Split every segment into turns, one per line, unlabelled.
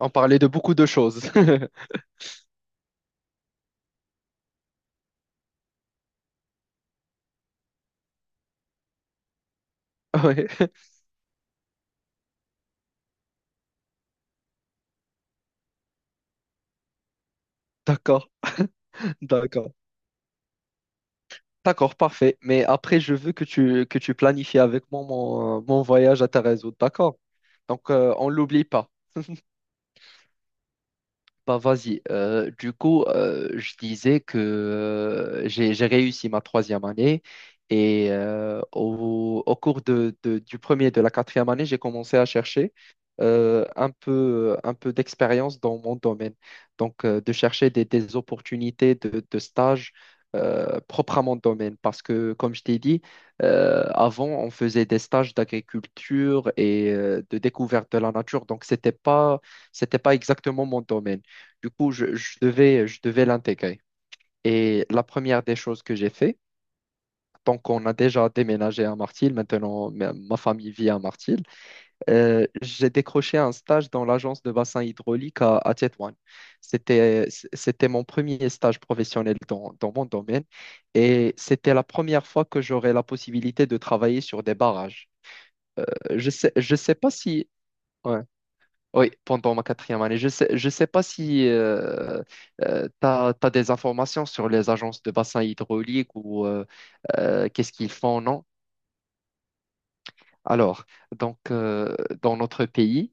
On parlait de beaucoup de choses. Ouais, d'accord, d'accord. D'accord, parfait. Mais après, je veux que tu planifies avec moi mon voyage à Tarazout, d'accord? Donc, on l'oublie pas. Bah vas-y. Du coup, je disais que j'ai réussi ma troisième année et au cours du premier et de la quatrième année, j'ai commencé à chercher un peu d'expérience dans mon domaine. Donc, de chercher des opportunités de stage, propres à mon domaine. Parce que, comme je t'ai dit, avant, on faisait des stages d'agriculture et de découverte de la nature. Donc, c'était pas exactement mon domaine. Du coup, je devais l'intégrer. Et la première des choses que j'ai fait, tant qu'on a déjà déménagé à Martil, maintenant ma famille vit à Martil, j'ai décroché un stage dans l'agence de bassin hydraulique à Tétouan. C'était, c'était mon premier stage professionnel dans mon domaine et c'était la première fois que j'aurais la possibilité de travailler sur des barrages. Je sais pas si... Ouais, oui, pendant ma quatrième année. Je sais pas si tu as des informations sur les agences de bassin hydraulique ou, qu'est-ce qu'ils font, non? Alors, donc, dans notre pays,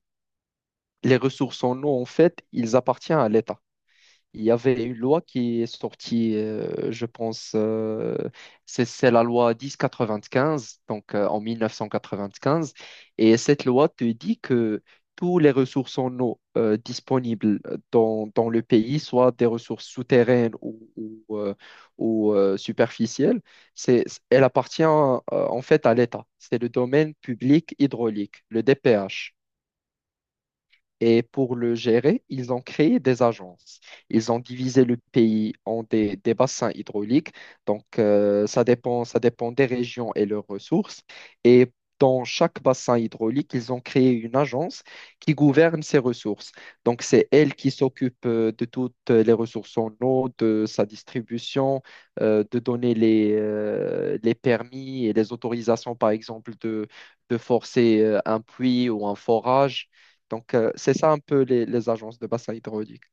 les ressources en eau, en fait, ils appartiennent à l'État. Il y avait une loi qui est sortie, je pense, c'est la loi 1095, donc en 1995. Et cette loi te dit que tous les ressources en eau disponibles dans le pays, soit des ressources souterraines, superficielles, c'est, elle appartient en fait à l'État. C'est le domaine public hydraulique, le DPH. Et pour le gérer, ils ont créé des agences. Ils ont divisé le pays en des bassins hydrauliques. Donc, ça dépend des régions et leurs ressources. Et dans chaque bassin hydraulique, ils ont créé une agence qui gouverne ces ressources. Donc, c'est elle qui s'occupe de toutes les ressources en eau, de sa distribution, de donner les permis et les autorisations, par exemple, de forcer un puits ou un forage. Donc, c'est ça un peu les agences de bassin hydraulique.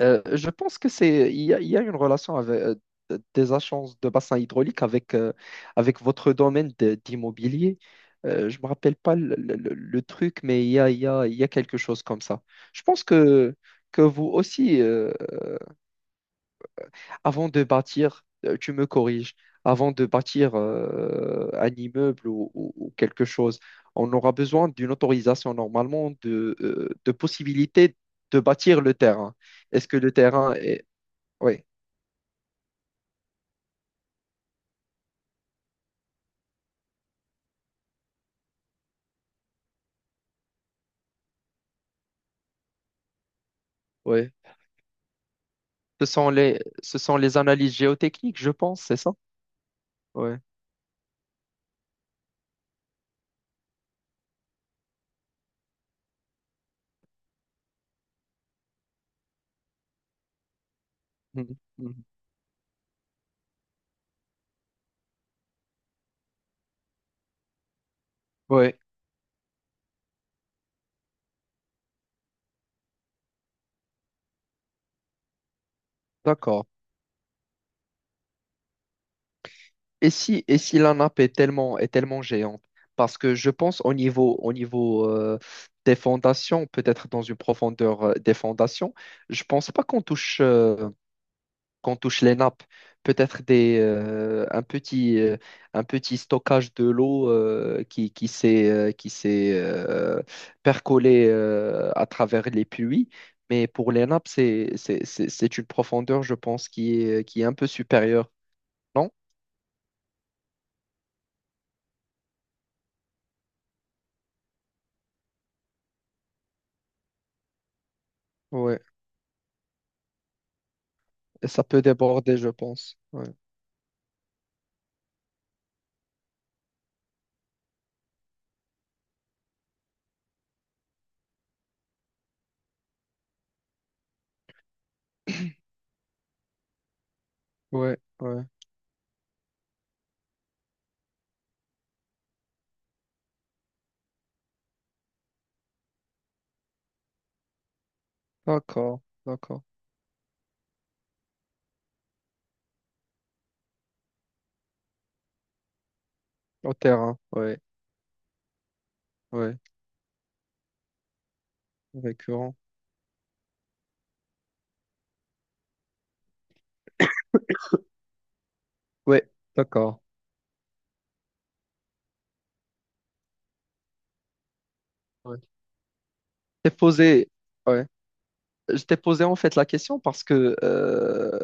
Je pense que il y a une relation avec, des agences de bassin hydraulique avec votre d'immobilier. Je ne me rappelle pas le truc, mais il y a, il y a, il y a quelque chose comme ça. Je pense que vous aussi, avant de bâtir, tu me corriges, avant de bâtir un immeuble ou quelque chose, on aura besoin d'une autorisation normalement de possibilité de bâtir le terrain. Est-ce que le terrain est... Oui, oui. Ce sont les analyses géotechniques, je pense, c'est ça? Oui. Mhm. Mhm. Oui, d'accord. Et si la nappe est tellement géante? Parce que je pense au niveau des fondations, peut-être dans une profondeur des fondations, je pense pas qu'on touche les nappes. Peut-être un petit stockage de l'eau qui s'est percolé à travers les puits. Mais pour les nappes, c'est une profondeur, je pense, qui est un peu supérieure. Non? Et ça peut déborder, je pense. Ouais, ouais, ouais. D'accord, d'accord. Au terrain, ouais, ouais. Récurrent. Ouais, d'accord. Ouais. T'es posé, ouais. Je t'ai posé en fait la question parce que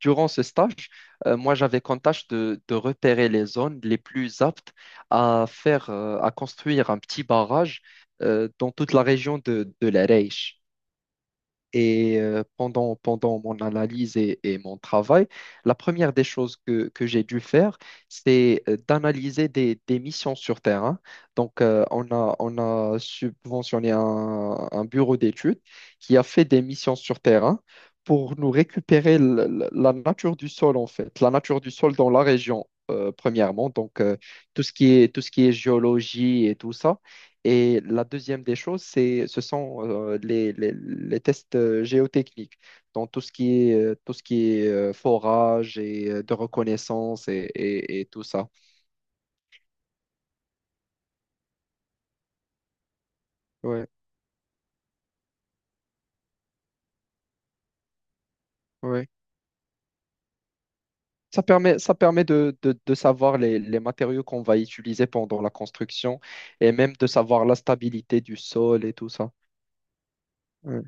durant ce stage, moi j'avais comme tâche de repérer les zones les plus aptes à faire, à construire un petit barrage dans toute la région de l'Erech. Et pendant mon analyse et mon travail, la première des choses que j'ai dû faire, c'est d'analyser des missions sur terrain. Donc, on a subventionné un bureau d'études qui a fait des missions sur terrain pour nous récupérer la nature du sol, en fait, la nature du sol dans la région, premièrement. Donc, tout ce qui est géologie et tout ça. Et la deuxième des choses, ce sont les tests géotechniques, donc tout ce qui est forage et de reconnaissance et tout ça. Ouais, ouais. Ça permet de savoir les matériaux qu'on va utiliser pendant la construction et même de savoir la stabilité du sol et tout ça. Ouais,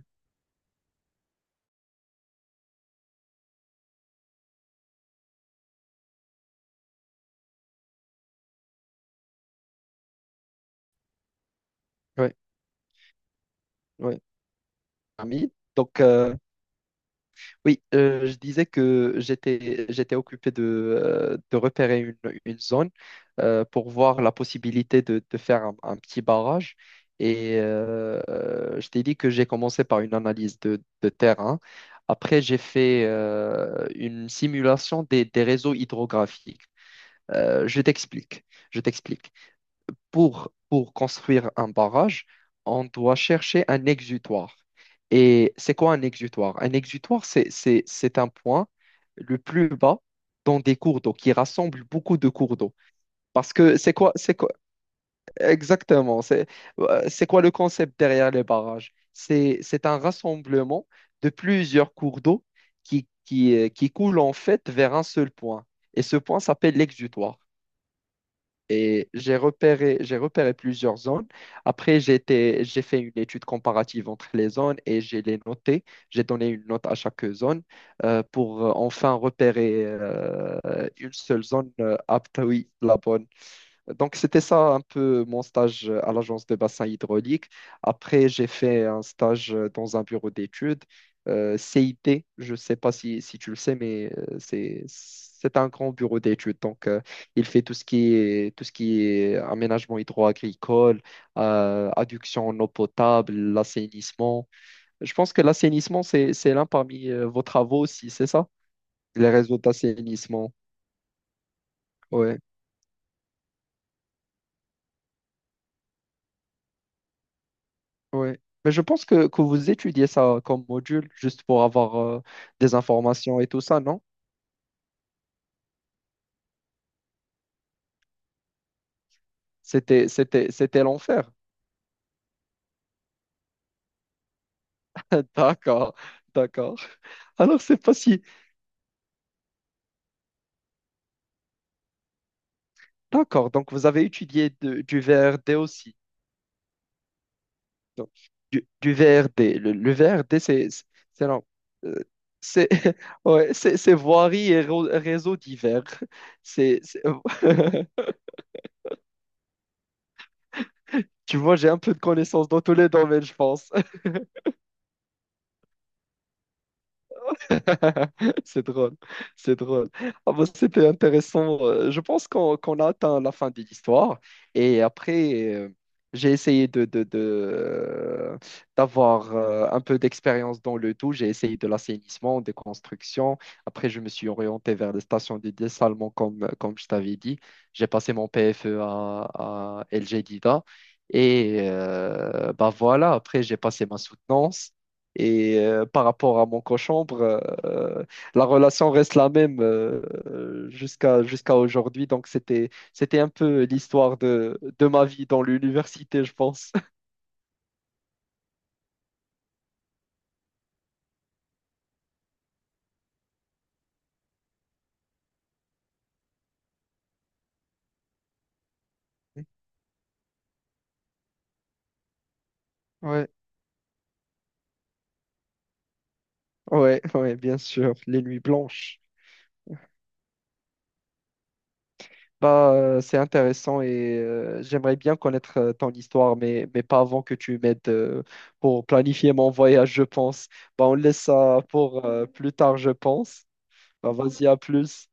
ouais, ouais. Ami, donc oui, je disais que j'étais occupé de repérer une zone pour voir la possibilité de faire un petit barrage. Et je t'ai dit que j'ai commencé par une analyse de terrain. Après, j'ai fait une simulation des réseaux hydrographiques. Je t'explique. Je t'explique, pour construire un barrage, on doit chercher un exutoire. Et c'est quoi un exutoire? Un exutoire, c'est un point le plus bas dans des cours d'eau qui rassemble beaucoup de cours d'eau. Parce que c'est quoi, exactement, c'est quoi le concept derrière les barrages? C'est un rassemblement de plusieurs cours d'eau qui coulent en fait vers un seul point. Et ce point s'appelle l'exutoire. Et j'ai repéré plusieurs zones. Après, j'ai fait une étude comparative entre les zones et j'ai les notées. J'ai donné une note à chaque zone pour enfin repérer une seule zone apte, oui, la bonne. Donc, c'était ça un peu mon stage à l'agence de bassin hydraulique. Après, j'ai fait un stage dans un bureau d'études, CIT. Je ne sais pas si tu le sais, mais c'est un grand bureau d'études. Donc, il fait tout ce qui est aménagement hydro-agricole, adduction en eau potable, l'assainissement. Je pense que l'assainissement, c'est l'un parmi vos travaux aussi, c'est ça? Les réseaux d'assainissement. Ouais. Oui, mais je pense que vous étudiez ça comme module juste pour avoir des informations et tout ça, non? C'était l'enfer. D'accord, d'accord. Alors, c'est pas si... D'accord, donc vous avez étudié du V R D aussi. Donc, du V R D. Le V R D, c'est... C'est non, euh, c'est- ouais, c'est voirie et réseaux divers. C'est, c'est- Tu vois, j'ai un peu de connaissances dans tous les domaines, je pense. C'est drôle, c'est drôle. Ah bah, c'était intéressant. Je pense qu'on a atteint la fin de l'histoire. Et après, j'ai essayé d'avoir un peu d'expérience dans le tout. J'ai essayé de l'assainissement, des constructions. Après, je me suis orienté vers les stations de dessalement, comme je t'avais dit. J'ai passé mon PFE à LG Dida. Et bah voilà, après, j'ai passé ma soutenance. Et par rapport à mon cochambre, euh, la relation reste la même jusqu'à aujourd'hui. Donc c'était un peu l'histoire de ma vie dans l'université, je pense. Ouais, ouais, ouais, bien sûr, les nuits blanches. Bah, c'est intéressant et j'aimerais bien connaître ton histoire, mais pas avant que tu m'aides pour planifier mon voyage, je pense. Bah, on laisse ça pour plus tard, je pense. Bah, vas-y, à plus.